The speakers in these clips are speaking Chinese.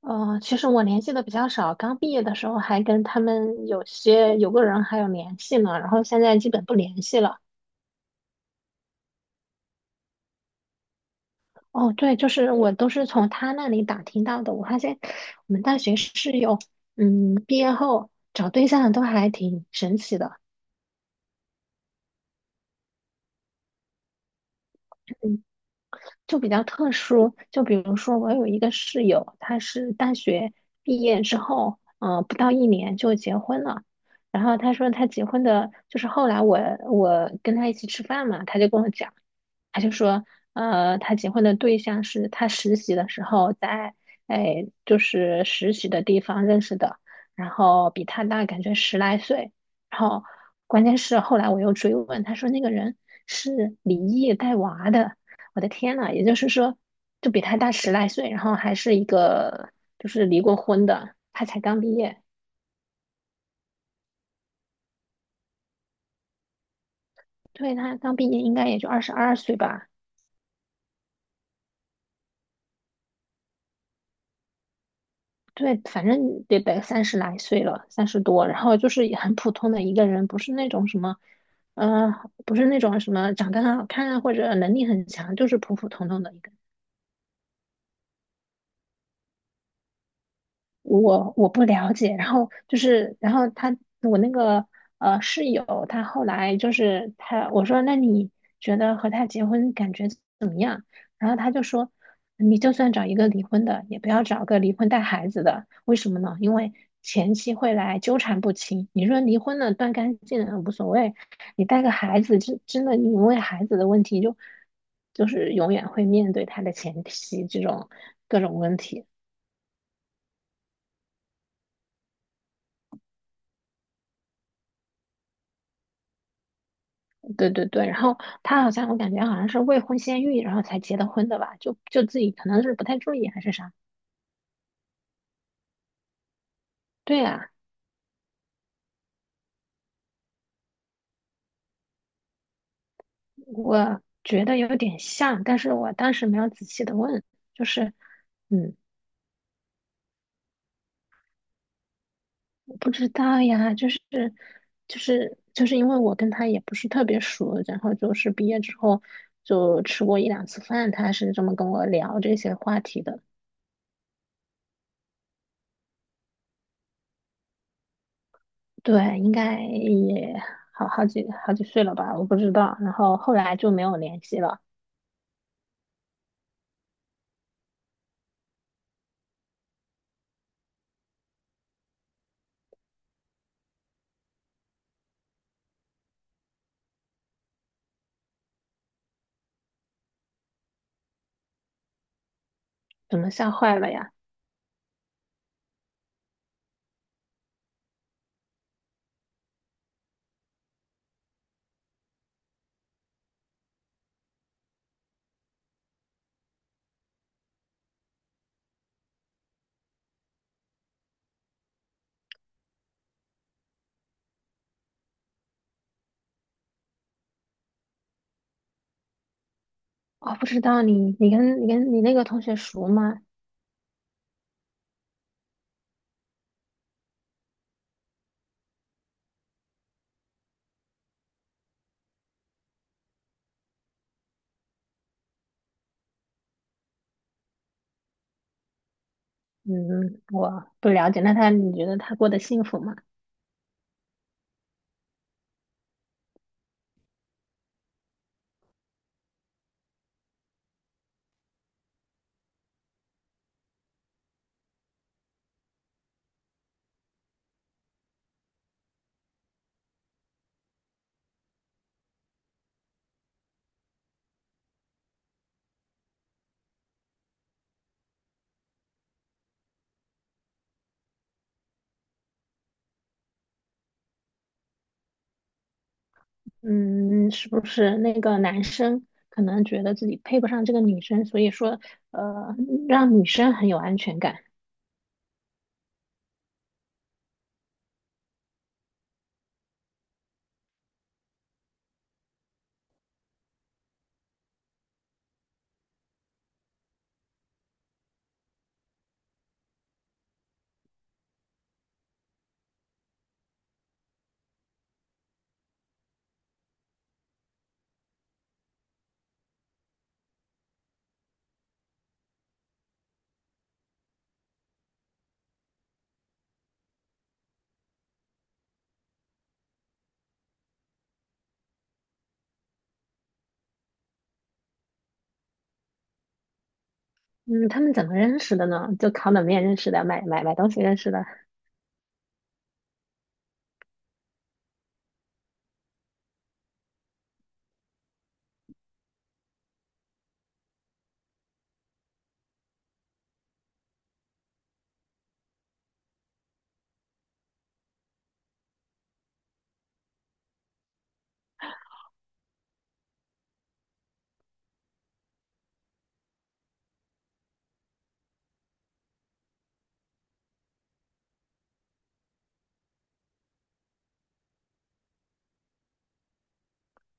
嗯，其实我联系的比较少，刚毕业的时候还跟他们有个人还有联系呢，然后现在基本不联系了。哦，对，就是我都是从他那里打听到的。我发现我们大学室友，嗯，毕业后找对象都还挺神奇的，就比较特殊。就比如说我有一个室友，他是大学毕业之后，不到一年就结婚了。然后他说他结婚的，就是后来我跟他一起吃饭嘛，他就跟我讲。他就说，他结婚的对象是他实习的时候在，哎，就是实习的地方认识的，然后比他大感觉十来岁，然后关键是后来我又追问，他说那个人是离异带娃的，我的天呐，也就是说，就比他大十来岁，然后还是一个就是离过婚的，他才刚毕业。对，他刚毕业应该也就22岁吧。对，反正得三十来岁了，三十多，然后就是也很普通的一个人，不是那种什么，嗯，不是那种什么长得很好看啊，或者能力很强，就是普普通通的一个。我不了解，然后就是，然后他我那个室友，他后来就是他我说那你觉得和他结婚感觉怎么样？然后他就说，你就算找一个离婚的，也不要找个离婚带孩子的，为什么呢？因为前妻会来纠缠不清。你说离婚了断干净了无所谓，你带个孩子，真的你因为孩子的问题就是永远会面对他的前妻这种各种问题。对对对，然后他好像我感觉好像是未婚先孕，然后才结的婚的吧，就自己可能是不太注意还是啥。对啊，我觉得有点像，但是我当时没有仔细的问，就是嗯，我不知道呀，就是因为我跟他也不是特别熟，然后就是毕业之后就吃过一两次饭，他是这么跟我聊这些话题的。对，应该也好几好几岁了吧，我不知道。然后后来就没有联系了。怎么吓坏了呀？哦，不知道你跟你那个同学熟吗？嗯，我不了解。那他你觉得他过得幸福吗？嗯，是不是那个男生可能觉得自己配不上这个女生，所以说嗯让女生很有安全感？嗯，他们怎么认识的呢？就烤冷面认识的，买东西认识的。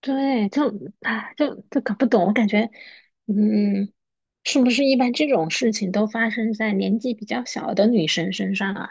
对，就啊，就搞不懂。我感觉，嗯，是不是一般这种事情都发生在年纪比较小的女生身上啊？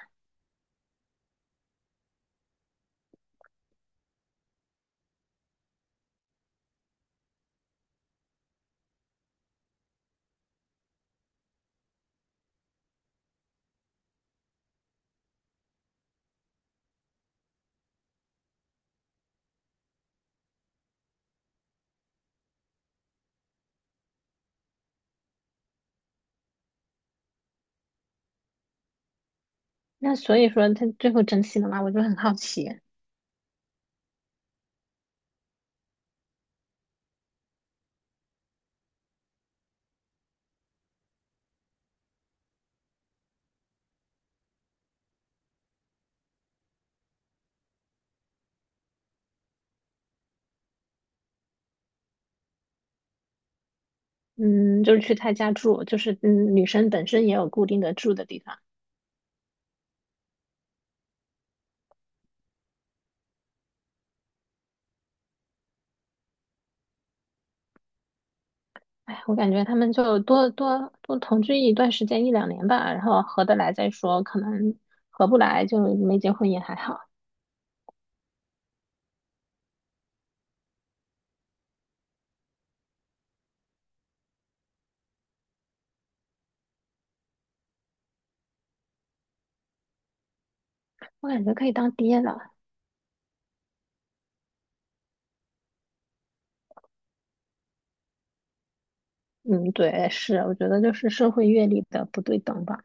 那所以说他最后珍惜了吗？我就很好奇。嗯，就是去他家住，就是嗯，女生本身也有固定的住的地方。哎，我感觉他们就多同居一段时间，一两年吧，然后合得来再说，可能合不来就没结婚也还好。我感觉可以当爹了。嗯，对，是，我觉得就是社会阅历的不对等吧。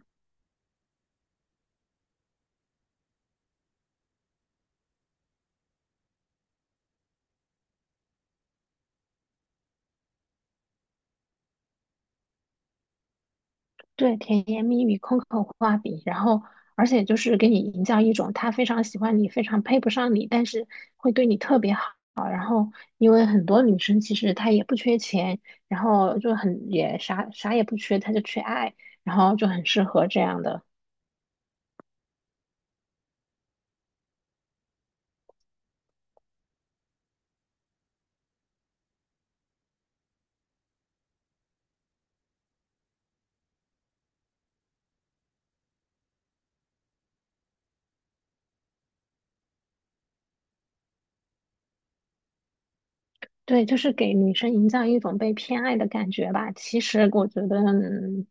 对，甜言蜜语、空口画饼，然后而且就是给你营造一种他非常喜欢你，非常配不上你，但是会对你特别好。因为很多女生其实她也不缺钱，然后就很也啥啥也不缺，她就缺爱，然后就很适合这样的。对，就是给女生营造一种被偏爱的感觉吧。其实我觉得，嗯，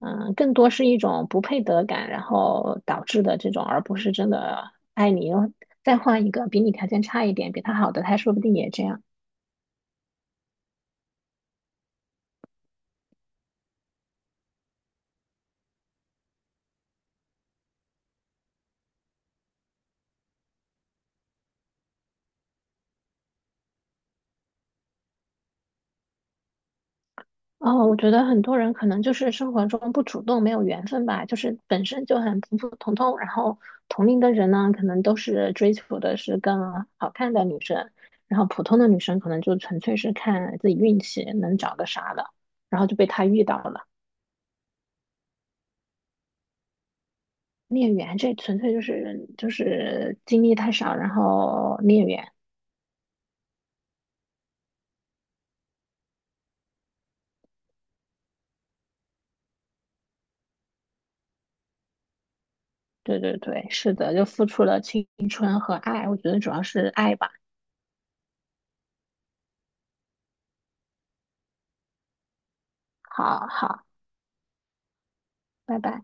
嗯更多是一种不配得感，然后导致的这种，而不是真的爱你。再换一个比你条件差一点、比他好的，他说不定也这样。哦，我觉得很多人可能就是生活中不主动，没有缘分吧，就是本身就很普普通通，然后同龄的人呢，可能都是追求的是更好看的女生，然后普通的女生可能就纯粹是看自己运气能找个啥的，然后就被他遇到了孽缘。这纯粹就是经历太少，然后孽缘，对对对，是的，就付出了青春和爱，我觉得主要是爱吧，好好，拜拜。